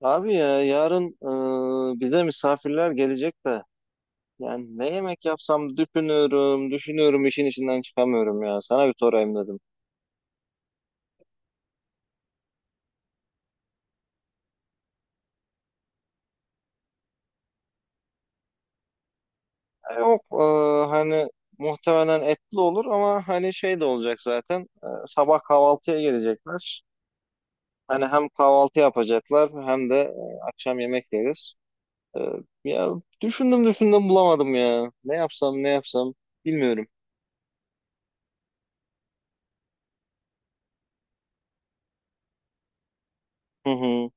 Abi ya yarın bize misafirler gelecek de yani ne yemek yapsam düşünüyorum işin içinden çıkamıyorum ya sana bir sorayım dedim. Yok, hani muhtemelen etli olur ama hani şey de olacak zaten sabah kahvaltıya gelecekler. Hani hem kahvaltı yapacaklar hem de akşam yemek yeriz. E, ya düşündüm bulamadım ya ne yapsam bilmiyorum. Hı hı.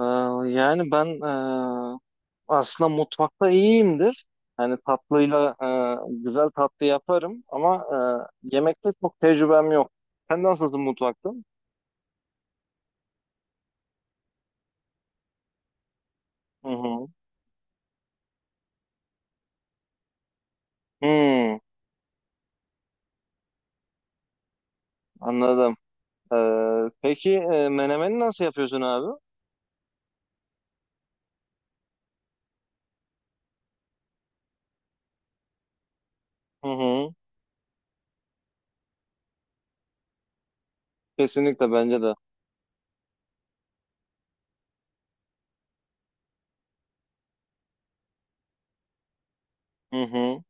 E, yani ben Aslında mutfakta iyiyimdir. Hani tatlıyla güzel tatlı yaparım ama yemekte çok tecrübem yok. Sen nasılsın mutfakta? Hı hı. Hmm, anladım. E, peki, menemeni nasıl yapıyorsun abi? Hı hı. Kesinlikle bence de. Hı hı.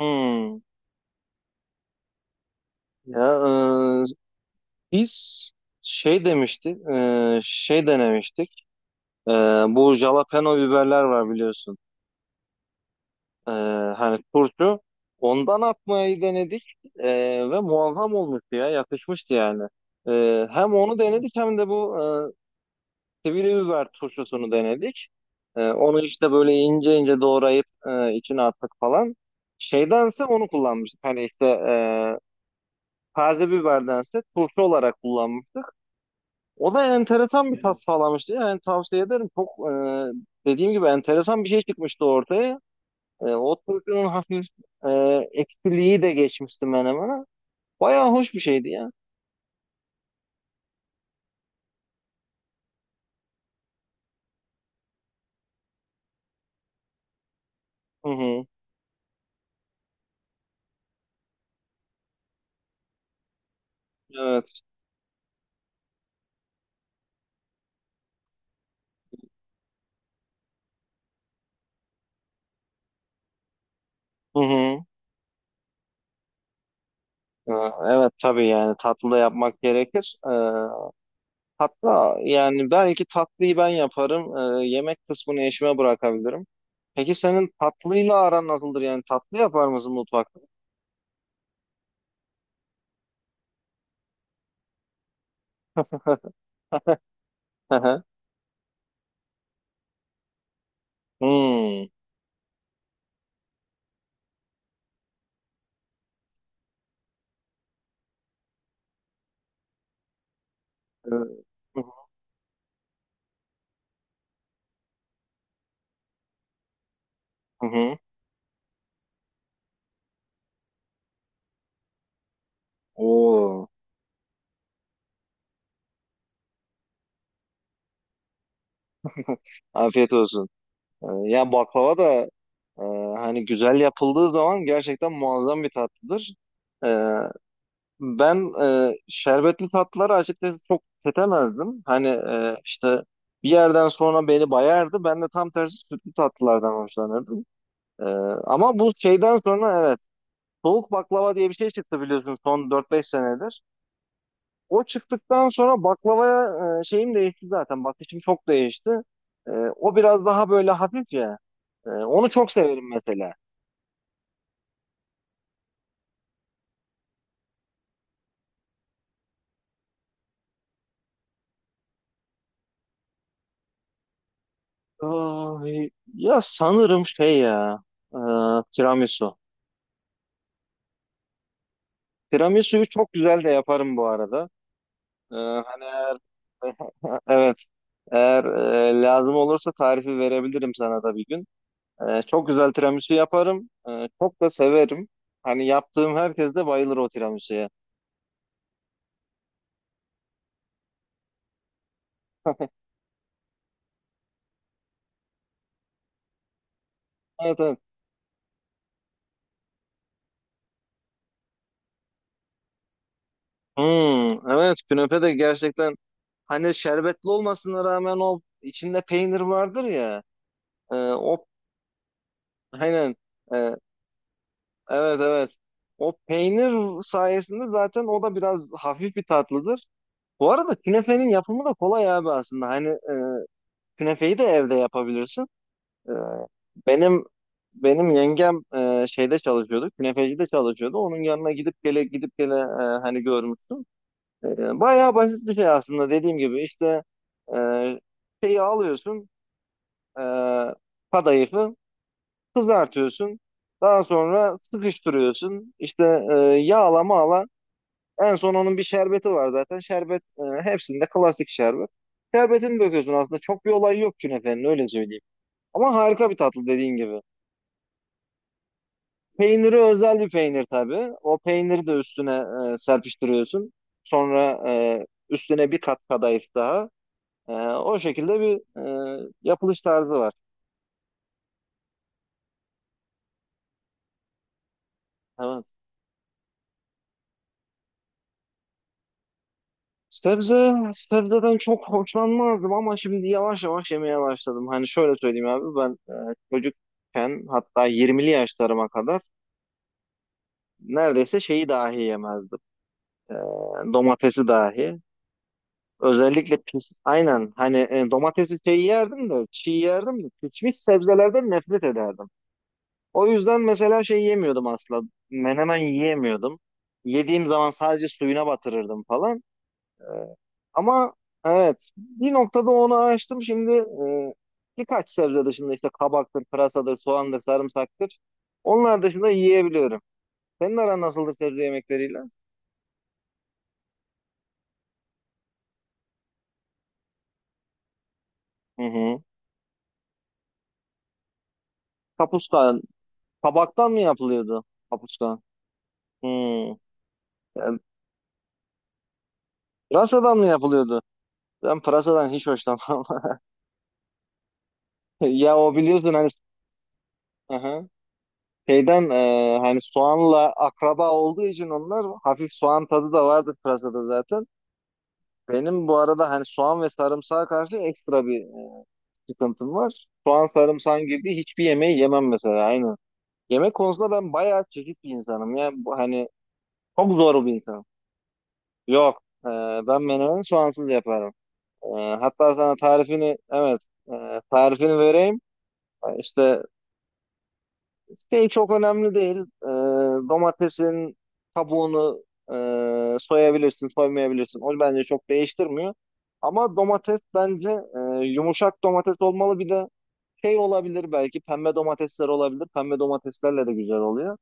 Hmm. Ya e, biz şey demiştik, şey denemiştik. E, Bu jalapeno biberler var biliyorsun. Ee, Hani turşu ondan atmayı denedik, ve muazzam olmuştu ya yakışmıştı yani. Hem onu denedik hem de bu sivri biber turşusunu denedik. Onu işte böyle ince ince doğrayıp içine attık falan. Şeydense onu kullanmıştık. Hani işte taze biberdense turşu olarak kullanmıştık. O da enteresan bir tat, evet, sağlamıştı. Yani tavsiye ederim. Dediğim gibi enteresan bir şey çıkmıştı ortaya. O turşunun hafif e, eksiliği de geçmişti menemene. Bayağı hoş bir şeydi ya. Hı hı. Evet. Hı hı. E, Evet, tabii, yani tatlı da yapmak gerekir. Hatta yani belki tatlıyı ben yaparım. Yemek kısmını eşime bırakabilirim. Peki senin tatlıyla aran nasıldır? Yani tatlı yapar mısın mutfakta? Hı hı. Hmm. E, Hı hı. Oo, afiyet olsun. Ya baklava da Ee, hani güzel yapıldığı zaman gerçekten muazzam bir tatlıdır. Ee, ben şerbetli tatlıları açıkçası çok tüketemezdim. Hani işte bir yerden sonra beni bayardı. Ben de tam tersi sütlü tatlılardan hoşlanırdım. Ee, Ama bu şeyden sonra, evet, soğuk baklava diye bir şey çıktı biliyorsun son dört beş senedir. O çıktıktan sonra baklavaya şeyim değişti zaten. Bakışım çok değişti. O biraz daha böyle hafif ya. Onu çok severim mesela. Ay, ya sanırım şey ya, e, tiramisu. Tiramisu'yu çok güzel de yaparım bu arada. Hani eğer evet, eğer lazım olursa tarifi verebilirim sana da bir gün. Çok güzel tiramisu yaparım. Çok da severim. Hani yaptığım herkes de bayılır o tiramisu'ya. Evet, evet. Hmm, evet, künefe de gerçekten hani şerbetli olmasına rağmen o içinde peynir vardır ya. O aynen. e, Evet, evet. O peynir sayesinde zaten o da biraz hafif bir tatlıdır. Bu arada künefenin yapımı da kolay abi aslında. Hani künefeyi de evde yapabilirsin. E, benim benim yengem şeyde çalışıyordu. Künefecide çalışıyordu. Onun yanına gidip gele gidip gele hani görmüştüm. Bayağı basit bir şey aslında dediğim gibi. İşte e, şeyi alıyorsun. E, Kadayıfı kızartıyorsun. Daha sonra sıkıştırıyorsun. İşte yağla mağla. En son onun bir şerbeti var zaten. Şerbet, hepsinde klasik şerbet. Şerbetini döküyorsun aslında. Çok bir olay yok künefenin, öyle söyleyeyim. Ama harika bir tatlı dediğin gibi. Peyniri özel bir peynir tabii. O peyniri de üstüne serpiştiriyorsun. Sonra üstüne bir kat kadayıf daha. O şekilde bir yapılış tarzı var. Evet. Sebze, sebzeden çok hoşlanmazdım ama şimdi yavaş yavaş yemeye başladım. Hani şöyle söyleyeyim abi, ben çocukken hatta 20'li yaşlarıma kadar neredeyse şeyi dahi yemezdim. E, Domatesi dahi. Özellikle pis, aynen, hani domatesi şey yerdim de çiğ yerdim de pişmiş sebzelerden nefret ederdim. O yüzden mesela şey yemiyordum asla. Menemen yiyemiyordum. Yediğim zaman sadece suyuna batırırdım falan. Ee, Ama evet, bir noktada onu açtım, şimdi birkaç sebze dışında işte kabaktır, pırasadır, soğandır, sarımsaktır. Onlar dışında yiyebiliyorum. Senin aran nasıldır sebze yemekleriyle? Hı hı. Kapuska. Kabaktan mı yapılıyordu? Kapuska. Hı. Yani pırasadan mı yapılıyordu? Ben pırasadan hiç hoşlanmam. Ya o biliyorsun hani, hı, hani soğanla akraba olduğu için onlar hafif soğan tadı da vardır pırasada zaten. Benim bu arada hani soğan ve sarımsağa karşı ekstra bir sıkıntım var. Soğan sarımsağın girdiği hiçbir yemeği yemem mesela aynı. Yemek konusunda ben bayağı çekik bir insanım. Yani bu hani çok zor bir insanım. Yok. Ben menemeni soğansız yaparım. E, Hatta sana tarifini, evet, tarifini vereyim. E, İşte Şey çok önemli değil. Ee, Domatesin kabuğunu soyabilirsin, soymayabilirsin. O bence çok değiştirmiyor. Ama domates bence yumuşak domates olmalı. Bir de şey olabilir, belki pembe domatesler olabilir. Pembe domateslerle de güzel oluyor.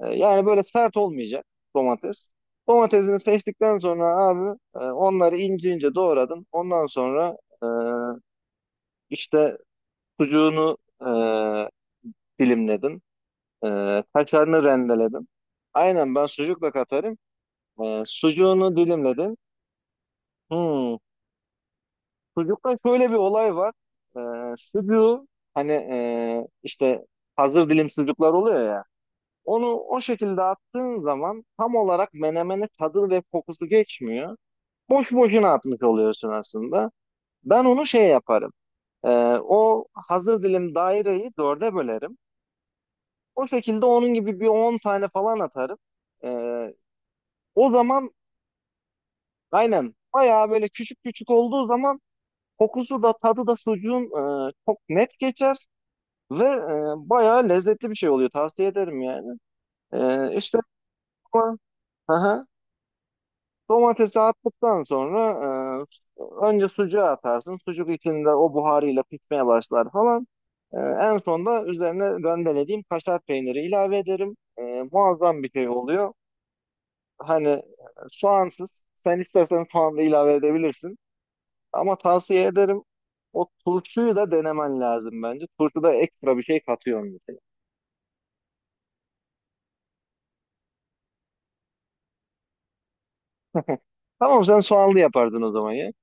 Yani böyle sert olmayacak domates. Domatesini seçtikten sonra abi, onları ince ince doğradın. Ondan sonra e, işte sucuğunu dilimledin. Kaşarını rendeledim. Aynen, ben sucukla katarım. Sucuğunu dilimledim. Hmm. Sucukta şöyle bir olay var. Sucuğu hani işte hazır dilim sucuklar oluyor ya. Onu o şekilde attığın zaman tam olarak menemenin tadı ve kokusu geçmiyor. Boş boşuna atmış oluyorsun aslında. Ben onu şey yaparım. Ee, O hazır dilim daireyi dörde bölerim. O şekilde onun gibi bir 10 tane falan atarım. Ee, o zaman Aynen. Bayağı böyle küçük küçük olduğu zaman kokusu da tadı da sucuğun çok net geçer ve bayağı lezzetli bir şey oluyor. Tavsiye ederim yani. E, işte ama- aha, Domatesi attıktan sonra önce sucuğu atarsın. Sucuk içinde o buharıyla pişmeye başlar falan. En sonda üzerine rendelediğim kaşar peyniri ilave ederim. Muazzam bir şey oluyor. Hani soğansız. Sen istersen soğan da ilave edebilirsin. Ama tavsiye ederim, o turşuyu da denemen lazım bence. Turşuda ekstra bir şey katıyorsun mesela. Tamam, sen soğanlı yapardın o zaman ya.